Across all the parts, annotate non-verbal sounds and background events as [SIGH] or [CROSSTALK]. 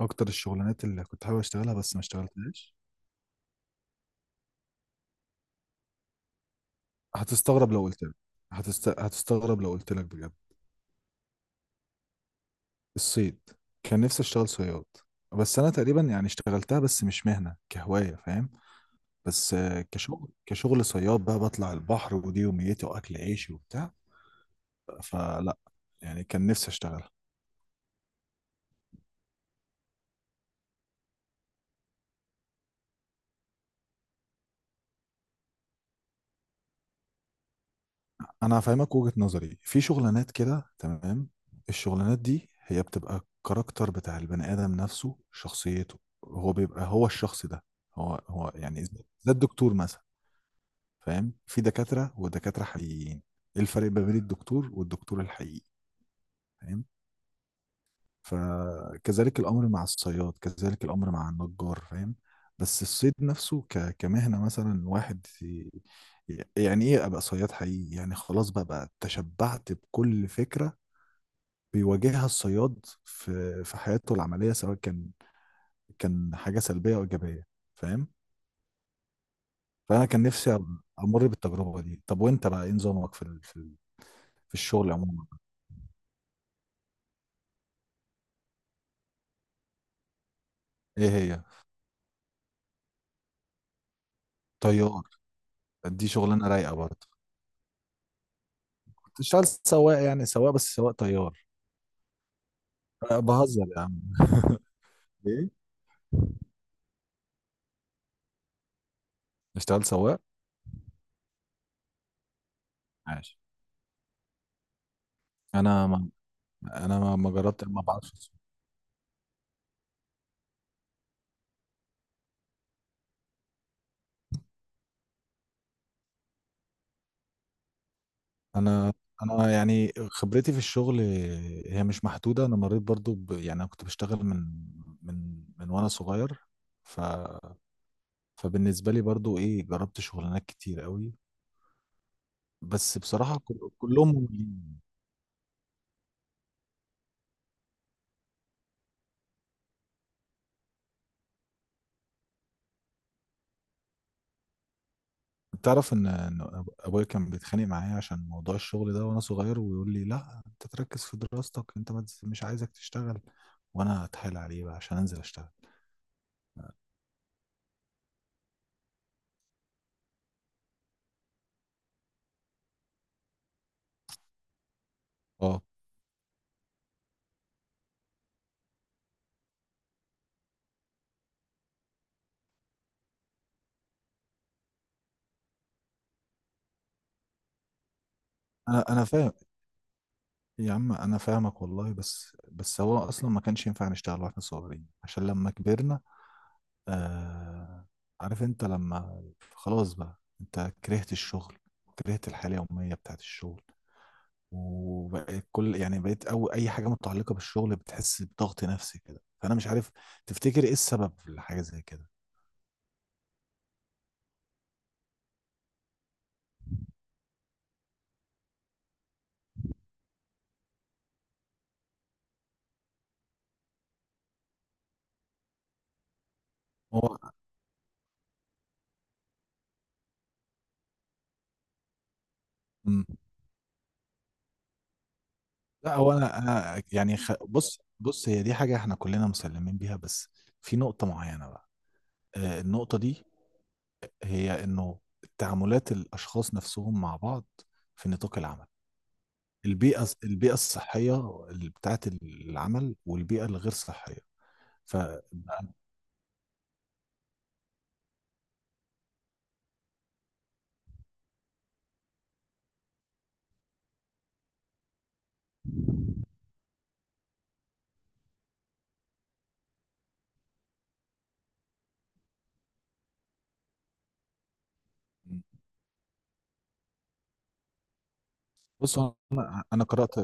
اكتر الشغلانات اللي كنت حابب اشتغلها بس ما اشتغلتهاش. هتستغرب لو قلت لك. هتستغرب لو قلت لك بجد. الصيد. كان نفسي اشتغل صياد، بس انا تقريبا يعني اشتغلتها بس مش مهنة، كهواية. فاهم. بس كشغل صياد بقى، بطلع البحر، ودي يوميتي واكل عيشي وبتاع. فلا، يعني كان نفسي اشتغل. انا هفهمك وجهة نظري في شغلانات كده. تمام؟ الشغلانات دي هي بتبقى الكاركتر بتاع البني ادم نفسه، شخصيته. هو بيبقى هو الشخص ده. هو يعني، زي الدكتور مثلا. فاهم. في دكاترة ودكاترة حقيقيين. ايه الفرق ما بين الدكتور والدكتور الحقيقي؟ فاهم. فكذلك الامر مع الصياد، كذلك الامر مع النجار. فاهم. بس الصيد نفسه كمهنة، مثلا واحد يعني ايه ابقى صياد حقيقي، يعني خلاص بقى, تشبعت بكل فكرة بيواجهها الصياد في حياته العملية، سواء كان حاجة سلبية أو إيجابية. فاهم. فأنا كان نفسي أمر بالتجربة دي. طب وأنت بقى، إيه نظامك في الشغل عموما؟ إيه هي؟ طيار؟ دي شغلانة رايقة برضه. كنت شغال سواق، يعني سواق، بس سواق طيار. بهزر يا عم. [LAUGHS] ايه، اشتغل سواق. عاش. انا ما انا ما جربت، ما بعرفش. انا انا يعني خبرتي في الشغل هي مش محدوده. انا مريت برضو يعني انا كنت بشتغل من من وانا صغير. ف... فبالنسبه لي برضو ايه، جربت شغلانات كتير قوي. بس بصراحه كلهم مملين. تعرف ان ابويا كان بيتخانق معايا عشان موضوع الشغل ده وانا صغير، ويقول لي لا، انت تركز في دراستك، انت ما تز- مش عايزك تشتغل. وانا اتحايل عليه بقى عشان انزل اشتغل. اه. انا فاهم. يا عم انا فاهمك والله، بس هو اصلا ما كانش ينفع نشتغل واحنا صغيرين عشان لما كبرنا. آه عارف انت لما خلاص بقى، انت كرهت الشغل، وكرهت الحياة اليومية بتاعت الشغل، وبقيت يعني بقيت، او اي حاجة متعلقة بالشغل بتحس بضغط نفسي كده. فانا مش عارف، تفتكر ايه السبب لحاجة زي كده؟ هو. مم. لا، هو انا يعني بص بص، هي دي حاجة احنا كلنا مسلمين بيها، بس في نقطة معينة بقى. النقطة دي هي انه تعاملات الاشخاص نفسهم مع بعض في نطاق العمل. البيئه الصحيه اللي بتاعت العمل والبيئه الغير صحيه. ف بص هو. انا قرات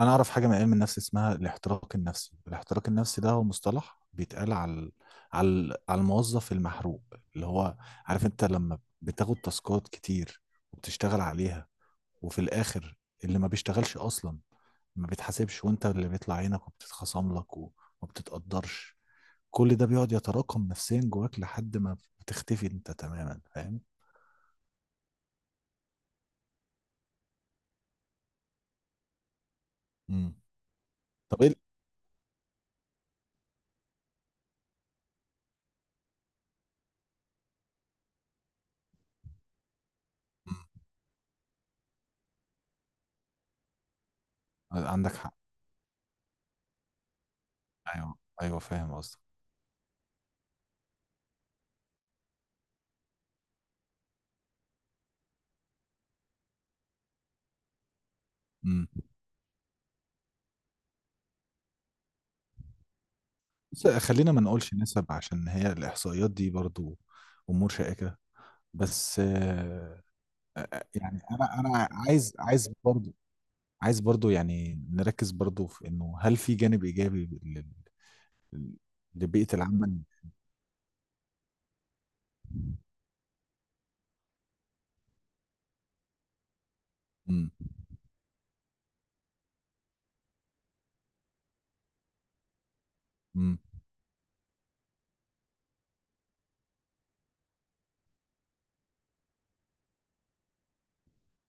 انا اعرف حاجه من علم النفس اسمها الاحتراق النفسي. الاحتراق النفسي ده هو مصطلح بيتقال على الموظف المحروق، اللي هو عارف انت لما بتاخد تاسكات كتير وبتشتغل عليها، وفي الاخر اللي ما بيشتغلش اصلا ما بيتحاسبش، وانت اللي بيطلع عينك وبتتخصم لك وما بتتقدرش. كل ده بيقعد يتراكم نفسيا جواك لحد ما بتختفي انت تماما. فاهم. امم. طب ايه مم. عندك حق. ايوه ايوه فاهم قصدك. امم. بس خلينا ما نقولش نسب، عشان هي الاحصائيات دي برضو امور شائكة. بس يعني انا عايز برضو يعني نركز برضو في انه هل في جانب ايجابي لبيئة العمل؟ امم. امم.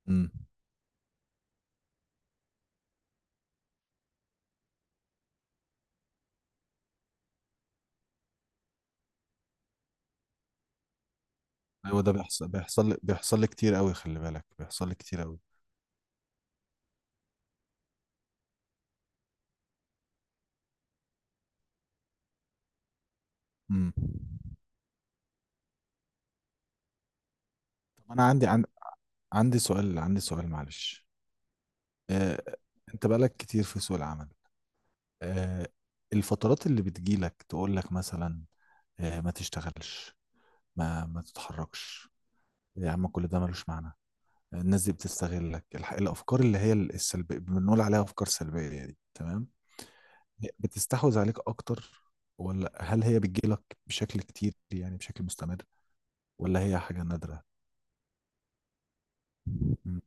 امم. ايوه، ده بيحصل لي كتير قوي، خلي بالك، بيحصل لي كتير قوي. امم. طب انا عندي عندي سؤال، عندي سؤال معلش. آه... انت بقالك كتير في سوق العمل. آه... الفترات اللي بتجيلك تقول لك مثلا ما تشتغلش، ما تتحركش، يا عم كل ده ملوش معنى، الناس دي بتستغلك، الافكار اللي هي السلبيه، بنقول عليها افكار سلبيه دي، تمام؟ بتستحوذ عليك اكتر؟ ولا هل هي بتجيلك بشكل كتير، يعني بشكل مستمر، ولا هي حاجة نادرة؟ مم.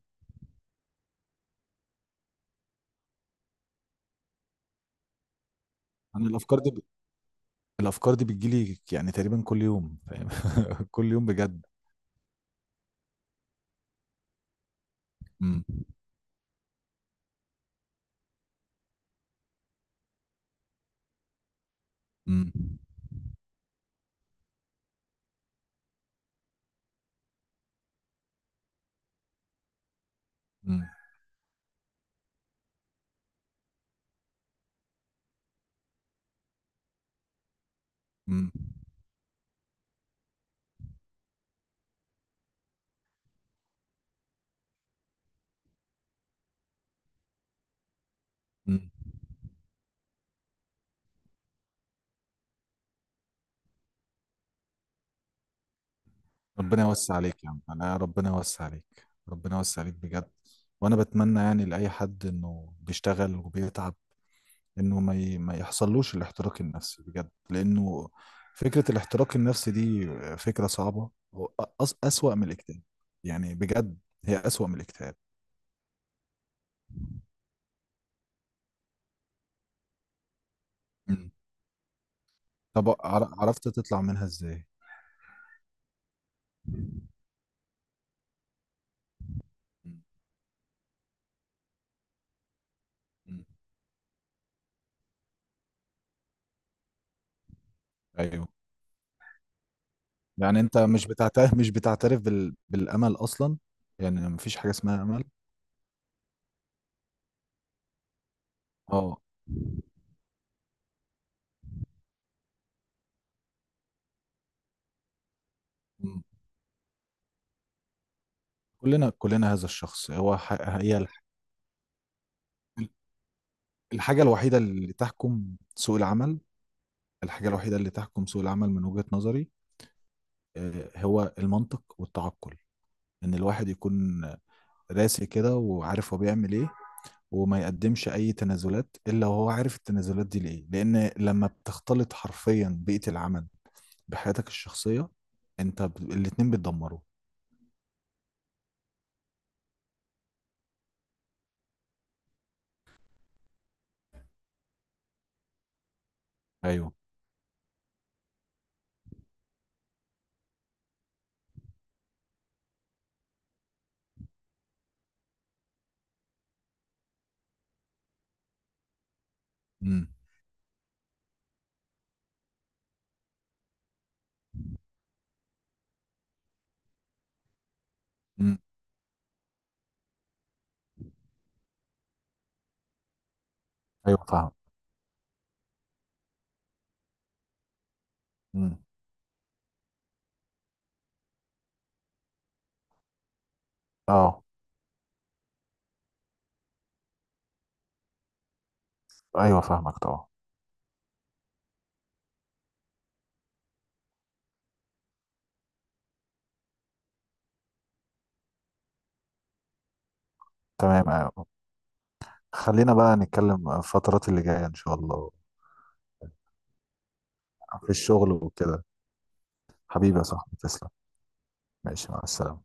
انا الافكار دي بتجيلي يعني تقريبا كل يوم. فاهم. [LAUGHS] كل يوم بجد. مم. مم. مم. مم. مم. ربنا يوسع عليك يا عم. انا ربنا يوسع عليك، ربنا يوسع عليك بجد. وانا بتمنى يعني لاي حد انه بيشتغل وبيتعب، انه ما يحصلوش الاحتراق النفسي بجد، لانه فكرة الاحتراق النفسي دي فكرة صعبة، أسوأ من الاكتئاب. يعني بجد، هي أسوأ من الاكتئاب. مم. طب عرفت تطلع منها ازاي؟ مم. مم. ايوه. يعني انت مش بتعترف [LAUGHS] مش بتعترف بالامل اصلا؟ يعني مفيش حاجه اسمها امل؟ اه. مم. كلنا كلنا هذا الشخص هو الحاجه الوحيده اللي تحكم سوق العمل الحاجة الوحيدة اللي تحكم سوق العمل من وجهة نظري، هو المنطق والتعقل، إن الواحد يكون راسي كده وعارف هو بيعمل إيه، وما يقدمش أي تنازلات إلا وهو عارف التنازلات دي لإيه، لأن لما بتختلط حرفيا بيئة العمل بحياتك الشخصية، أنت الاتنين بيتدمروا. أيوه. امم. امم. ايوه فاهم. امم. اه. ايوه فاهمك طبعا. تمام. أيوة. خلينا بقى نتكلم الفترات اللي جايه ان شاء الله في الشغل وكده. حبيبي يا صاحبي تسلم. ماشي، مع السلامة.